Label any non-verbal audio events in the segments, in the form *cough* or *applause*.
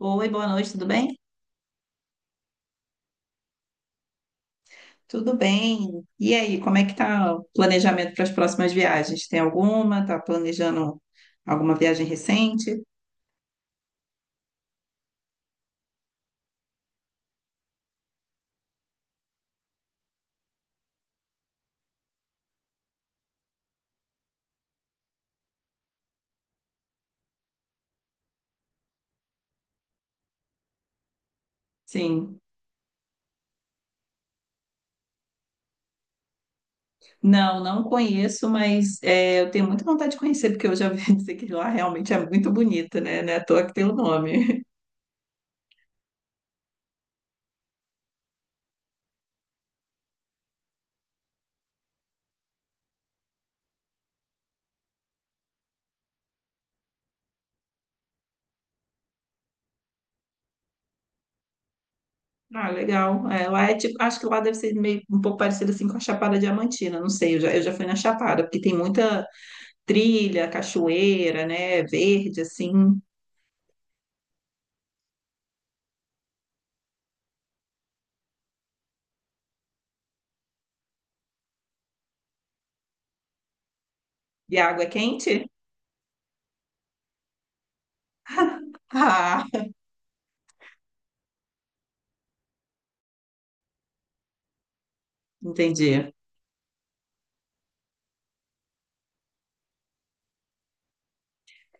Oi, boa noite, tudo bem? Tudo bem. E aí, como é que tá o planejamento para as próximas viagens? Tem alguma? Tá planejando alguma viagem recente? Sim. Não, não conheço, mas é, eu tenho muita vontade de conhecer, porque eu já vi *laughs* dizer que lá realmente é muito bonita, né? Não é à toa que tem o nome. *laughs* Ah, legal. É, lá é tipo, acho que lá deve ser meio um pouco parecido assim com a Chapada Diamantina, não sei, eu já fui na Chapada, porque tem muita trilha, cachoeira, né? Verde, assim, e a água é quente. Ah, entendi.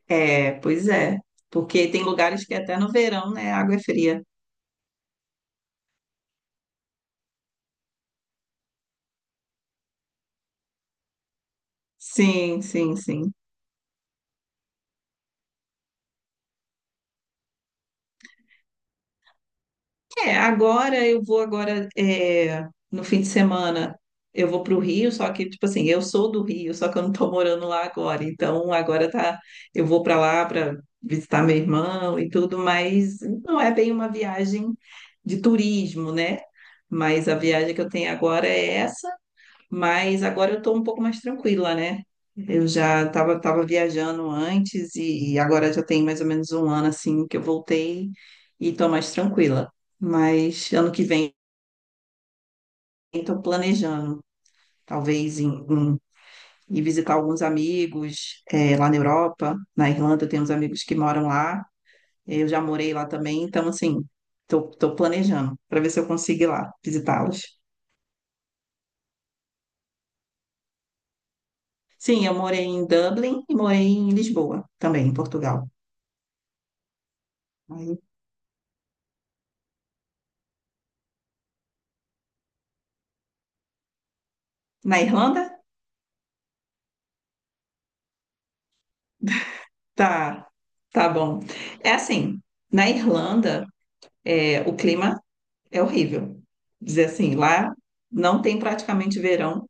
É, pois é. Porque tem lugares que até no verão, né, a água é fria. Sim, sim, sim. É, agora eu vou agora no fim de semana eu vou para o Rio, só que tipo assim, eu sou do Rio, só que eu não estou morando lá agora. Então agora tá, eu vou para lá para visitar meu irmão e tudo, mas não é bem uma viagem de turismo, né? Mas a viagem que eu tenho agora é essa. Mas agora eu estou um pouco mais tranquila, né? Eu já estava tava viajando antes e agora já tem mais ou menos um ano assim que eu voltei e estou mais tranquila. Mas ano que vem estou planejando, talvez ir visitar alguns amigos lá na Europa, na Irlanda eu tenho uns amigos que moram lá. Eu já morei lá também, então assim planejando para ver se eu consigo ir lá visitá-los. Sim, eu morei em Dublin e morei em Lisboa também, em Portugal. Na Irlanda? Tá, tá bom. É assim, na Irlanda, é, o clima é horrível. Dizer assim, lá não tem praticamente verão.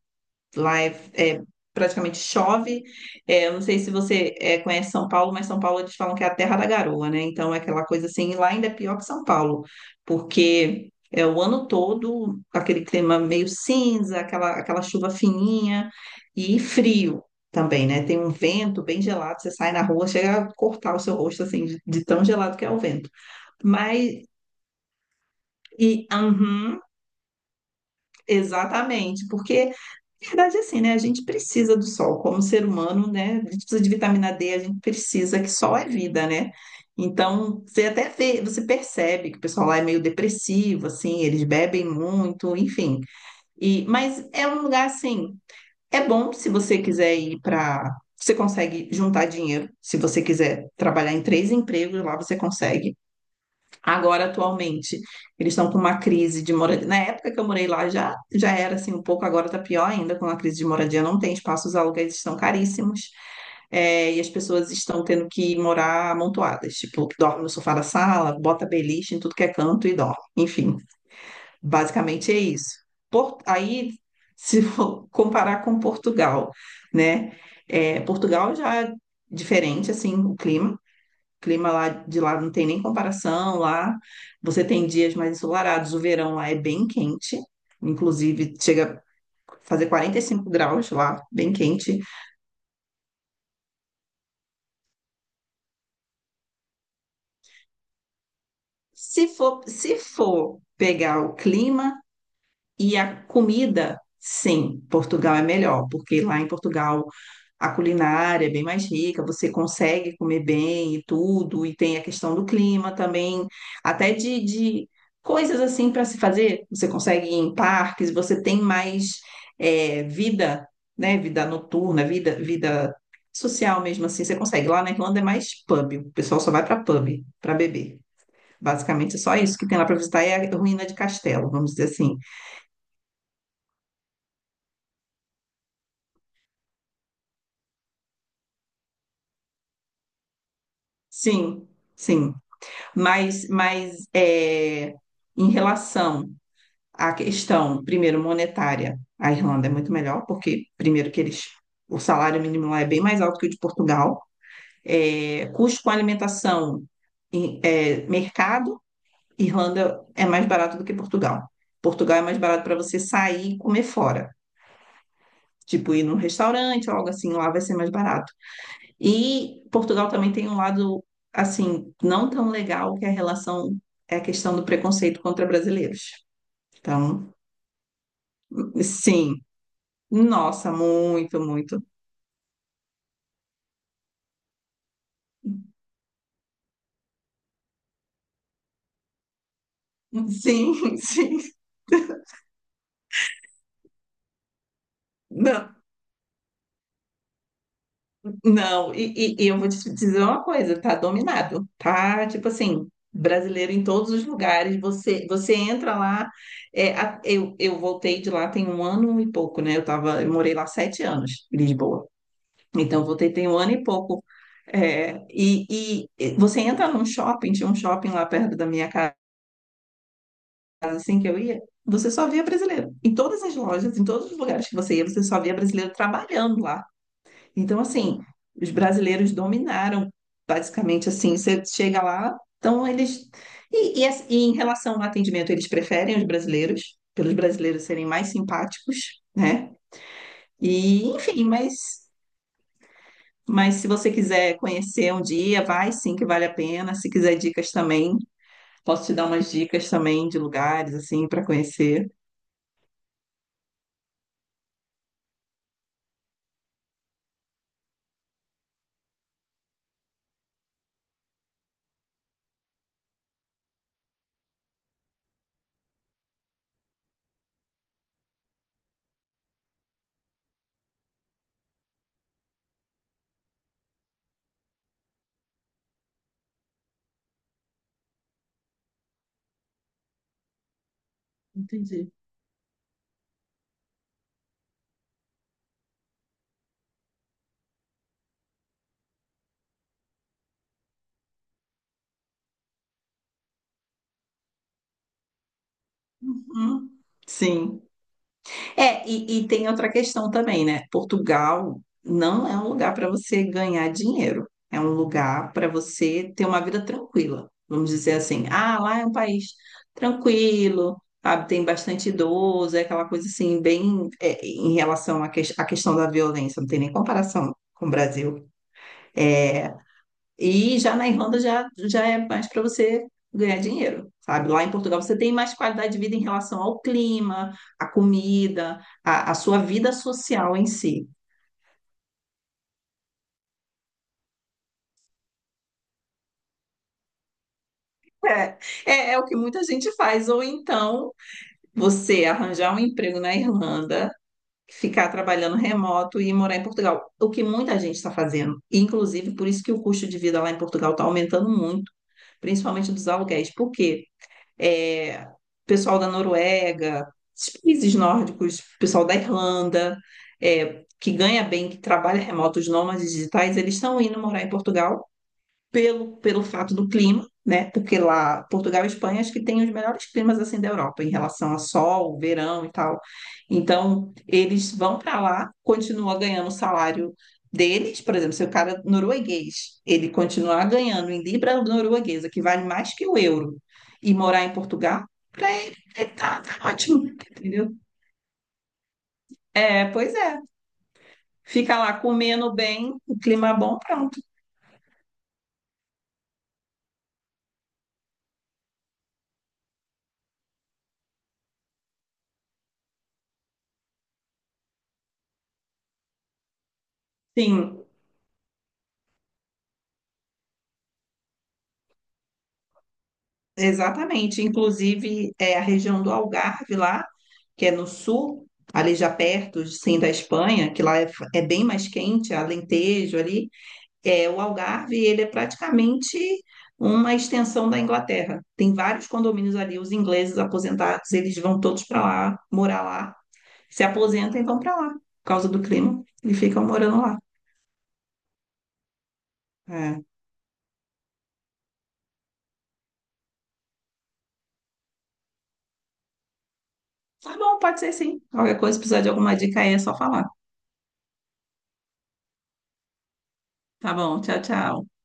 Lá é praticamente chove. É, eu não sei se você conhece São Paulo, mas São Paulo eles falam que é a terra da garoa, né? Então é aquela coisa assim, e lá ainda é pior que São Paulo, porque é o ano todo aquele clima meio cinza, aquela chuva fininha e frio. Também, né? Tem um vento bem gelado, você sai na rua, chega a cortar o seu rosto assim, de tão gelado que é o vento. Mas, e, uhum, exatamente, porque na verdade, assim, né? A gente precisa do sol, como ser humano, né? A gente precisa de vitamina D, a gente precisa, que sol é vida, né? Então, você até vê, você percebe que o pessoal lá é meio depressivo, assim, eles bebem muito, enfim. E, mas é um lugar, assim, é bom se você quiser ir para. Você consegue juntar dinheiro, se você quiser trabalhar em três empregos, lá você consegue agora atualmente. Eles estão com uma crise de moradia. Na época que eu morei lá já era assim um pouco, agora está pior ainda com a crise de moradia. Não tem espaço, os aluguéis estão caríssimos, e as pessoas estão tendo que morar amontoadas. Tipo, dorme no sofá da sala, bota beliche em tudo que é canto e dorme. Enfim, basicamente é isso. Aí, se for *laughs* comparar com Portugal, né? É, Portugal já é diferente, assim, o clima lá de lá não tem nem comparação. Lá você tem dias mais ensolarados, o verão lá é bem quente, inclusive chega a fazer 45 graus lá, bem quente. Se for, se for pegar o clima e a comida, sim, Portugal é melhor, porque lá em Portugal a culinária é bem mais rica, você consegue comer bem e tudo, e tem a questão do clima também, até de coisas assim para se fazer. Você consegue ir em parques, você tem mais é, vida, né? Vida noturna, vida social mesmo assim. Você consegue. Lá na Irlanda é mais pub, o pessoal só vai para pub para beber. Basicamente, é só isso que tem lá para visitar é a ruína de castelo, vamos dizer assim. Sim, sim. Mas é, em relação. A questão, primeiro, monetária. A Irlanda é muito melhor, porque, primeiro, que eles, o salário mínimo lá é bem mais alto que o de Portugal. É, custo com alimentação, mercado, Irlanda é mais barato do que Portugal. Portugal é mais barato para você sair e comer fora. Tipo, ir num restaurante ou algo assim, lá vai ser mais barato. E Portugal também tem um lado, assim, não tão legal, que é a relação, é a questão do preconceito contra brasileiros. Então, sim, nossa, muito, muito. Sim, *laughs* sim. Não, não. E eu vou te dizer uma coisa, tá dominado, tá? Tipo assim, brasileiro em todos os lugares. Você entra lá. É, eu voltei de lá tem um ano e pouco, né? Eu tava, eu morei lá sete anos, em Lisboa. Então eu voltei tem um ano e pouco. É, e você entra num shopping, tinha um shopping lá perto da minha casa. Assim que eu ia, você só via brasileiro. Em todas as lojas, em todos os lugares que você ia, você só via brasileiro trabalhando lá. Então, assim, os brasileiros dominaram, basicamente, assim, você chega lá, então eles... E em relação ao atendimento, eles preferem os brasileiros, pelos brasileiros serem mais simpáticos, né? E, enfim, mas... Mas se você quiser conhecer um dia, vai sim que vale a pena. Se quiser dicas também, posso te dar umas dicas também de lugares assim para conhecer. Entendi. Uhum. Sim. É, e tem outra questão também, né? Portugal não é um lugar para você ganhar dinheiro. É um lugar para você ter uma vida tranquila. Vamos dizer assim, ah, lá é um país tranquilo, sabe? Tem bastante idoso, é aquela coisa assim, bem, é, em relação à, que, à questão da violência, não tem nem comparação com o Brasil. É, e já na Irlanda já é mais para você ganhar dinheiro, sabe? Lá em Portugal você tem mais qualidade de vida em relação ao clima, à comida, à, à sua vida social em si. É, é o que muita gente faz. Ou então você arranjar um emprego na Irlanda, ficar trabalhando remoto e morar em Portugal. O que muita gente está fazendo. Inclusive, por isso que o custo de vida lá em Portugal está aumentando muito, principalmente dos aluguéis. Por quê? É, pessoal da Noruega, esses países nórdicos, pessoal da Irlanda, é, que ganha bem, que trabalha remoto, os nômades digitais, eles estão indo morar em Portugal pelo fato do clima, né? Porque lá, Portugal e Espanha, acho que tem os melhores climas assim da Europa, em relação a sol, verão e tal. Então, eles vão para lá, continuam ganhando o salário deles, por exemplo, se o cara norueguês, ele continuar ganhando em libra norueguesa, que vale mais que o euro, e morar em Portugal, para ele, ele tá ótimo, entendeu? É, pois é. Fica lá comendo bem, o clima bom, pronto. Sim, exatamente. Inclusive, é a região do Algarve lá, que é no sul, ali já perto, sim, da Espanha, que lá é bem mais quente, Alentejo ali. É, o Algarve, ele é praticamente uma extensão da Inglaterra. Tem vários condomínios ali, os ingleses aposentados, eles vão todos para lá, morar lá. Se aposentam e vão para lá, por causa do clima, e ficam morando lá. É. Tá bom, pode ser sim. Qualquer coisa, se precisar de alguma dica aí, é só falar. Tá bom, tchau, tchau.